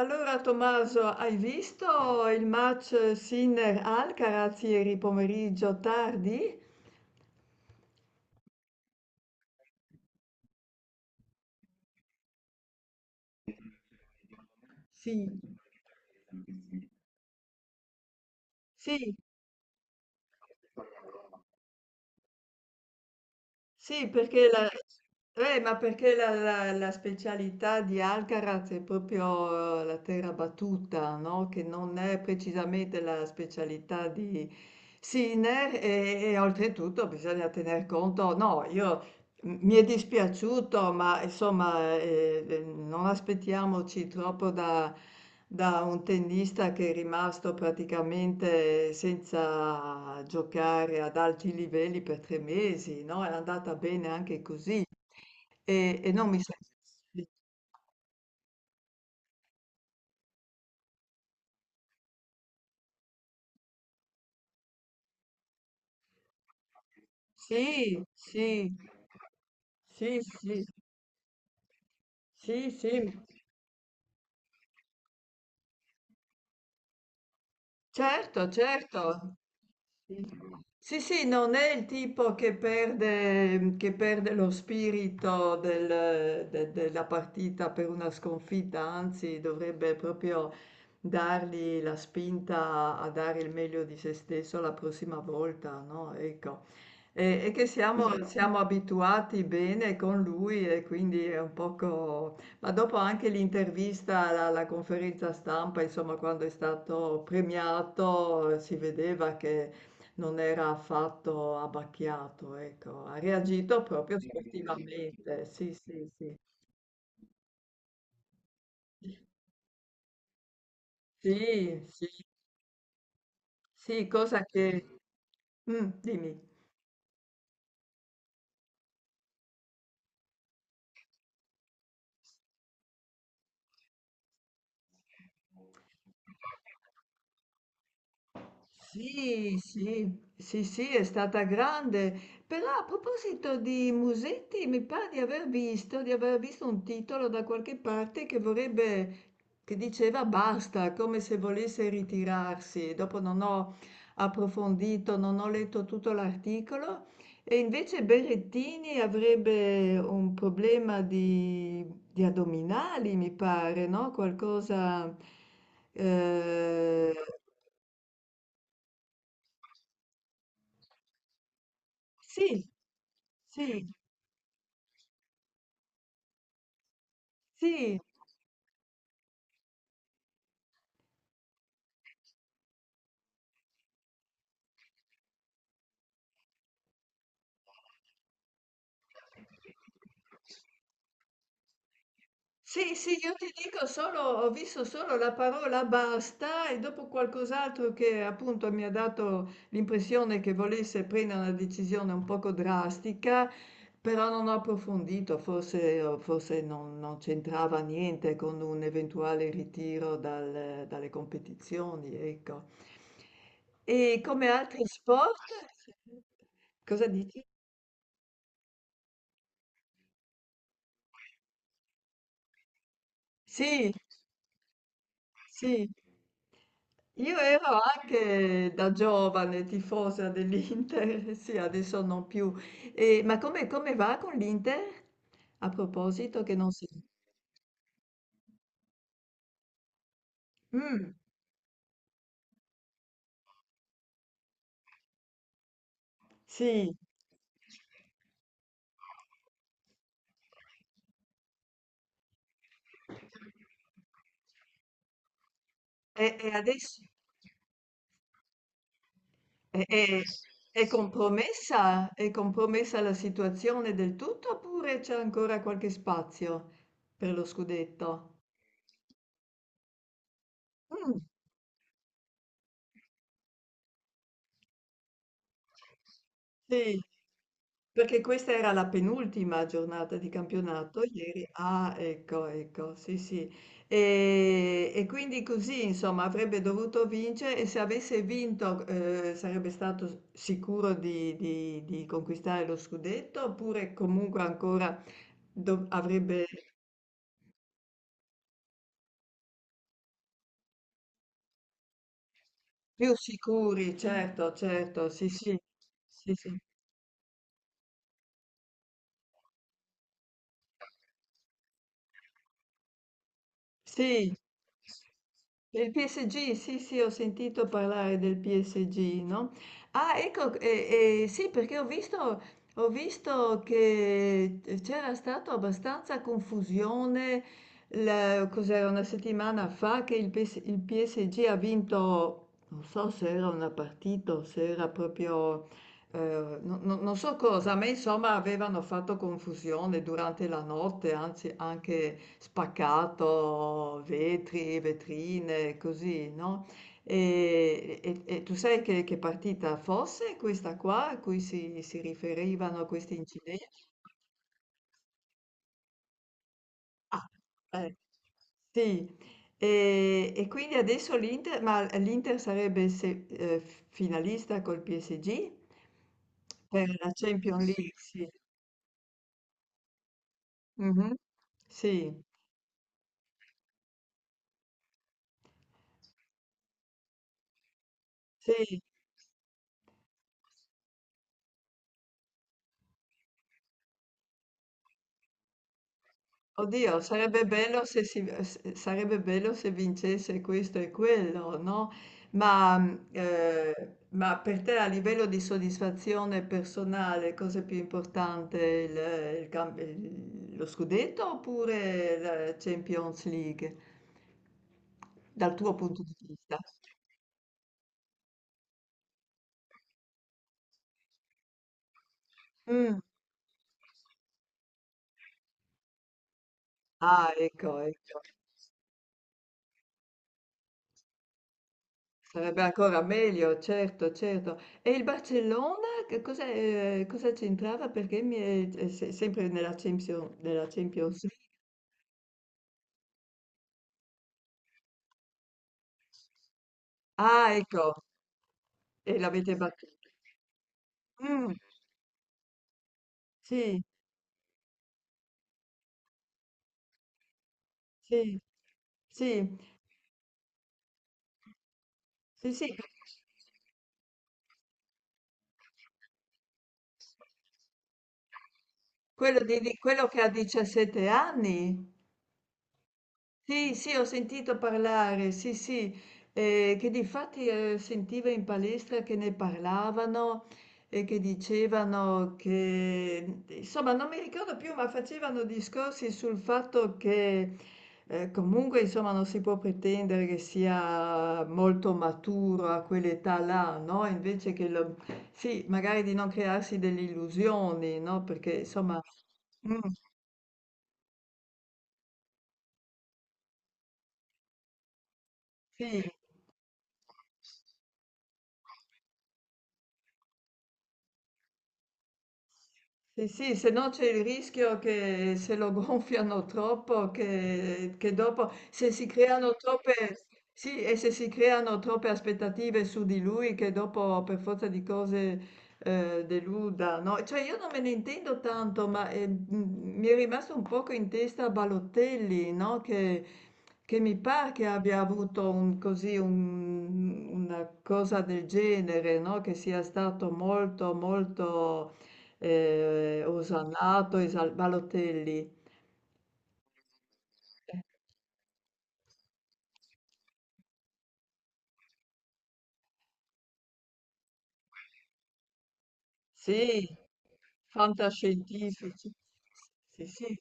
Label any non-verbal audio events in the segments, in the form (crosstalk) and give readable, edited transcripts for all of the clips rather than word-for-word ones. Allora, Tommaso, hai visto il match Sinner-Alcaraz ieri pomeriggio tardi? Sì, sì, sì, ma perché la specialità di Alcaraz è proprio la terra battuta, no? Che non è precisamente la specialità di Sinner e oltretutto bisogna tener conto, no, Mi è dispiaciuto, ma insomma, non aspettiamoci troppo da un tennista che è rimasto praticamente senza giocare ad alti livelli per 3 mesi, no? È andata bene anche così. E non mi sa. Sì, sì, sì, sì, sì, sì, sì, sì, certo, certo. Sì, sì, non è il tipo che perde lo spirito della partita per una sconfitta, anzi dovrebbe proprio dargli la spinta a dare il meglio di se stesso la prossima volta, no? Ecco. E esatto, siamo abituati bene con lui e quindi è un poco. Ma dopo anche l'intervista alla conferenza stampa, insomma, quando è stato premiato, si vedeva che non era affatto abbacchiato, ecco, ha reagito proprio sportivamente, sì, sì, sì. Sì, sì, sì, cosa che. Mm, dimmi. Sì, sì, sì, sì, è stata grande. Però a proposito di Musetti, mi pare di aver visto un titolo da qualche parte che diceva basta, come se volesse ritirarsi. Dopo non ho approfondito, non ho letto tutto l'articolo. E invece Berrettini avrebbe un problema di addominali, mi pare, no? Qualcosa. eh, sì. Sì, sì, sì, sì, io ti dico solo, ho visto solo la parola basta e dopo qualcos'altro che appunto mi ha dato l'impressione che volesse prendere una decisione un poco drastica, però non ho approfondito, forse non c'entrava niente con un eventuale ritiro dalle competizioni, ecco. E come altri sport? Cosa dici? Sì, sì. Io ero anche da giovane tifosa dell'Inter, (laughs) sì, adesso non più. Ma come va con l'Inter? A proposito che non si. Mm, sì, e adesso e- e- è, compromessa? È compromessa la situazione del tutto oppure c'è ancora qualche spazio per lo scudetto? Mm. Sì, perché questa era la penultima giornata di campionato ieri. Ah, ecco, ecco, sì, sì. E quindi così, insomma, avrebbe dovuto vincere e se avesse vinto sarebbe stato sicuro di conquistare lo scudetto oppure comunque ancora avrebbe. Più sicuri, certo, certo, sì, sì, sì, sì. Sì, del PSG, sì, sì, ho sentito parlare del PSG, no? Ah, ecco, sì, perché ho visto che c'era stata abbastanza confusione, cos'era una settimana fa, che il PSG ha vinto, non so se era una partita o se era proprio. No, no, non so cosa, a me insomma avevano fatto confusione durante la notte, anzi anche spaccato vetri, vetrine, così, no, e tu sai che partita fosse questa qua a cui si riferivano questi inciden. Ah, eh, sì, e quindi adesso l'Inter sarebbe se f finalista col PSG per la Champions League, sì. Mh-mh, sì, sì. Oddio, sarebbe bello se, si- se- sarebbe bello se vincesse questo e quello, no? Ma per te a livello di soddisfazione personale, cosa è più importante, lo scudetto oppure la Champions League, dal tuo punto di vista? Mm. Ah, ecco, ecco. Sarebbe ancora meglio, certo, certo. E il Barcellona, che cosa, cosa c'entrava? Perché mi è sempre nella Champions League. Ah, ecco, e l'avete battuto. Mm, sì, sì, sì, sì, sì, quello che ha 17 anni. Sì, sì, ho sentito parlare, sì, sì, che difatti sentivo in palestra che ne parlavano e che dicevano che, insomma, non mi ricordo più, ma facevano discorsi sul fatto che comunque, insomma, non si può pretendere che sia molto maturo a quell'età là, no? Sì, magari di non crearsi delle illusioni, no? Perché, insomma, mm, sì. Sì, sì, se no c'è il rischio che se lo (laughs) gonfiano troppo, che dopo, se si creano troppe, sì, e se si creano troppe aspettative su di lui, che dopo per forza di cose deluda, no? Cioè io non me ne intendo tanto, ma mi è rimasto un poco in testa Balotelli, no? Che mi pare che abbia avuto così una cosa del genere, no? Che sia stato molto, molto, osannato, Esal Balotelli. Sì, fantascientifici. Sì, sì.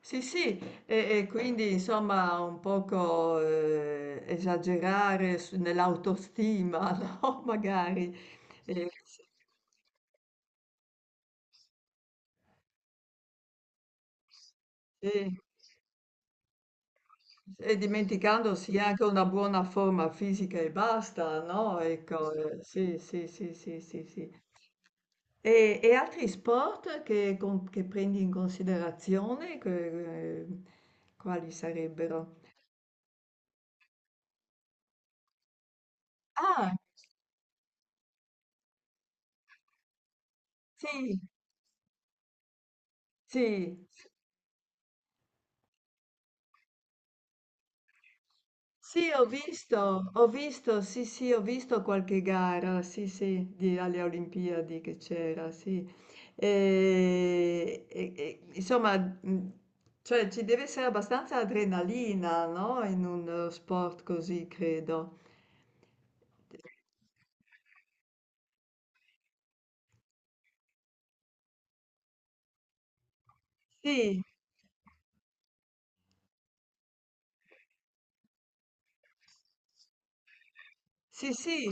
Sì, sì, e quindi insomma un poco esagerare nell'autostima, (laughs) no? Magari. E, e- e dimenticandosi anche una buona forma fisica e basta, no? Ecco, sì, sì, sì, sì, sì, sì. E altri sport che prendi in considerazione, quali sarebbero? Ah, sì, sì, sì, sì, sì, ho visto qualche gara, sì, sì, alle Olimpiadi che c'era, sì. E, insomma, cioè, ci deve essere abbastanza adrenalina, no? In un sport così, credo. Sì, sì, sì,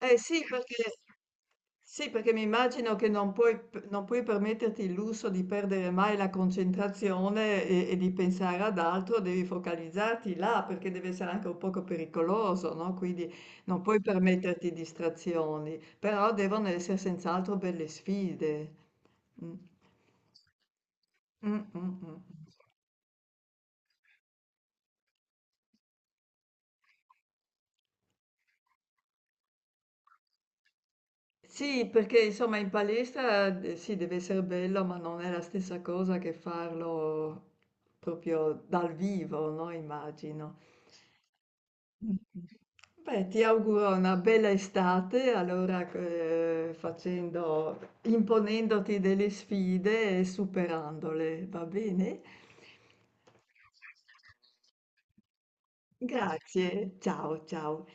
Eh sì, perché mi immagino che non puoi permetterti il lusso di perdere mai la concentrazione e di pensare ad altro, devi focalizzarti là perché deve essere anche un poco pericoloso, no? Quindi non puoi permetterti distrazioni, però devono essere senz'altro belle sfide. Mm, mm, mm, mm. Sì, perché insomma in palestra sì, deve essere bello, ma non è la stessa cosa che farlo proprio dal vivo, no? Immagino. (laughs) Mm. Beh, ti auguro una bella estate, allora facendo, imponendoti delle sfide e superandole, va bene? Grazie, ciao ciao.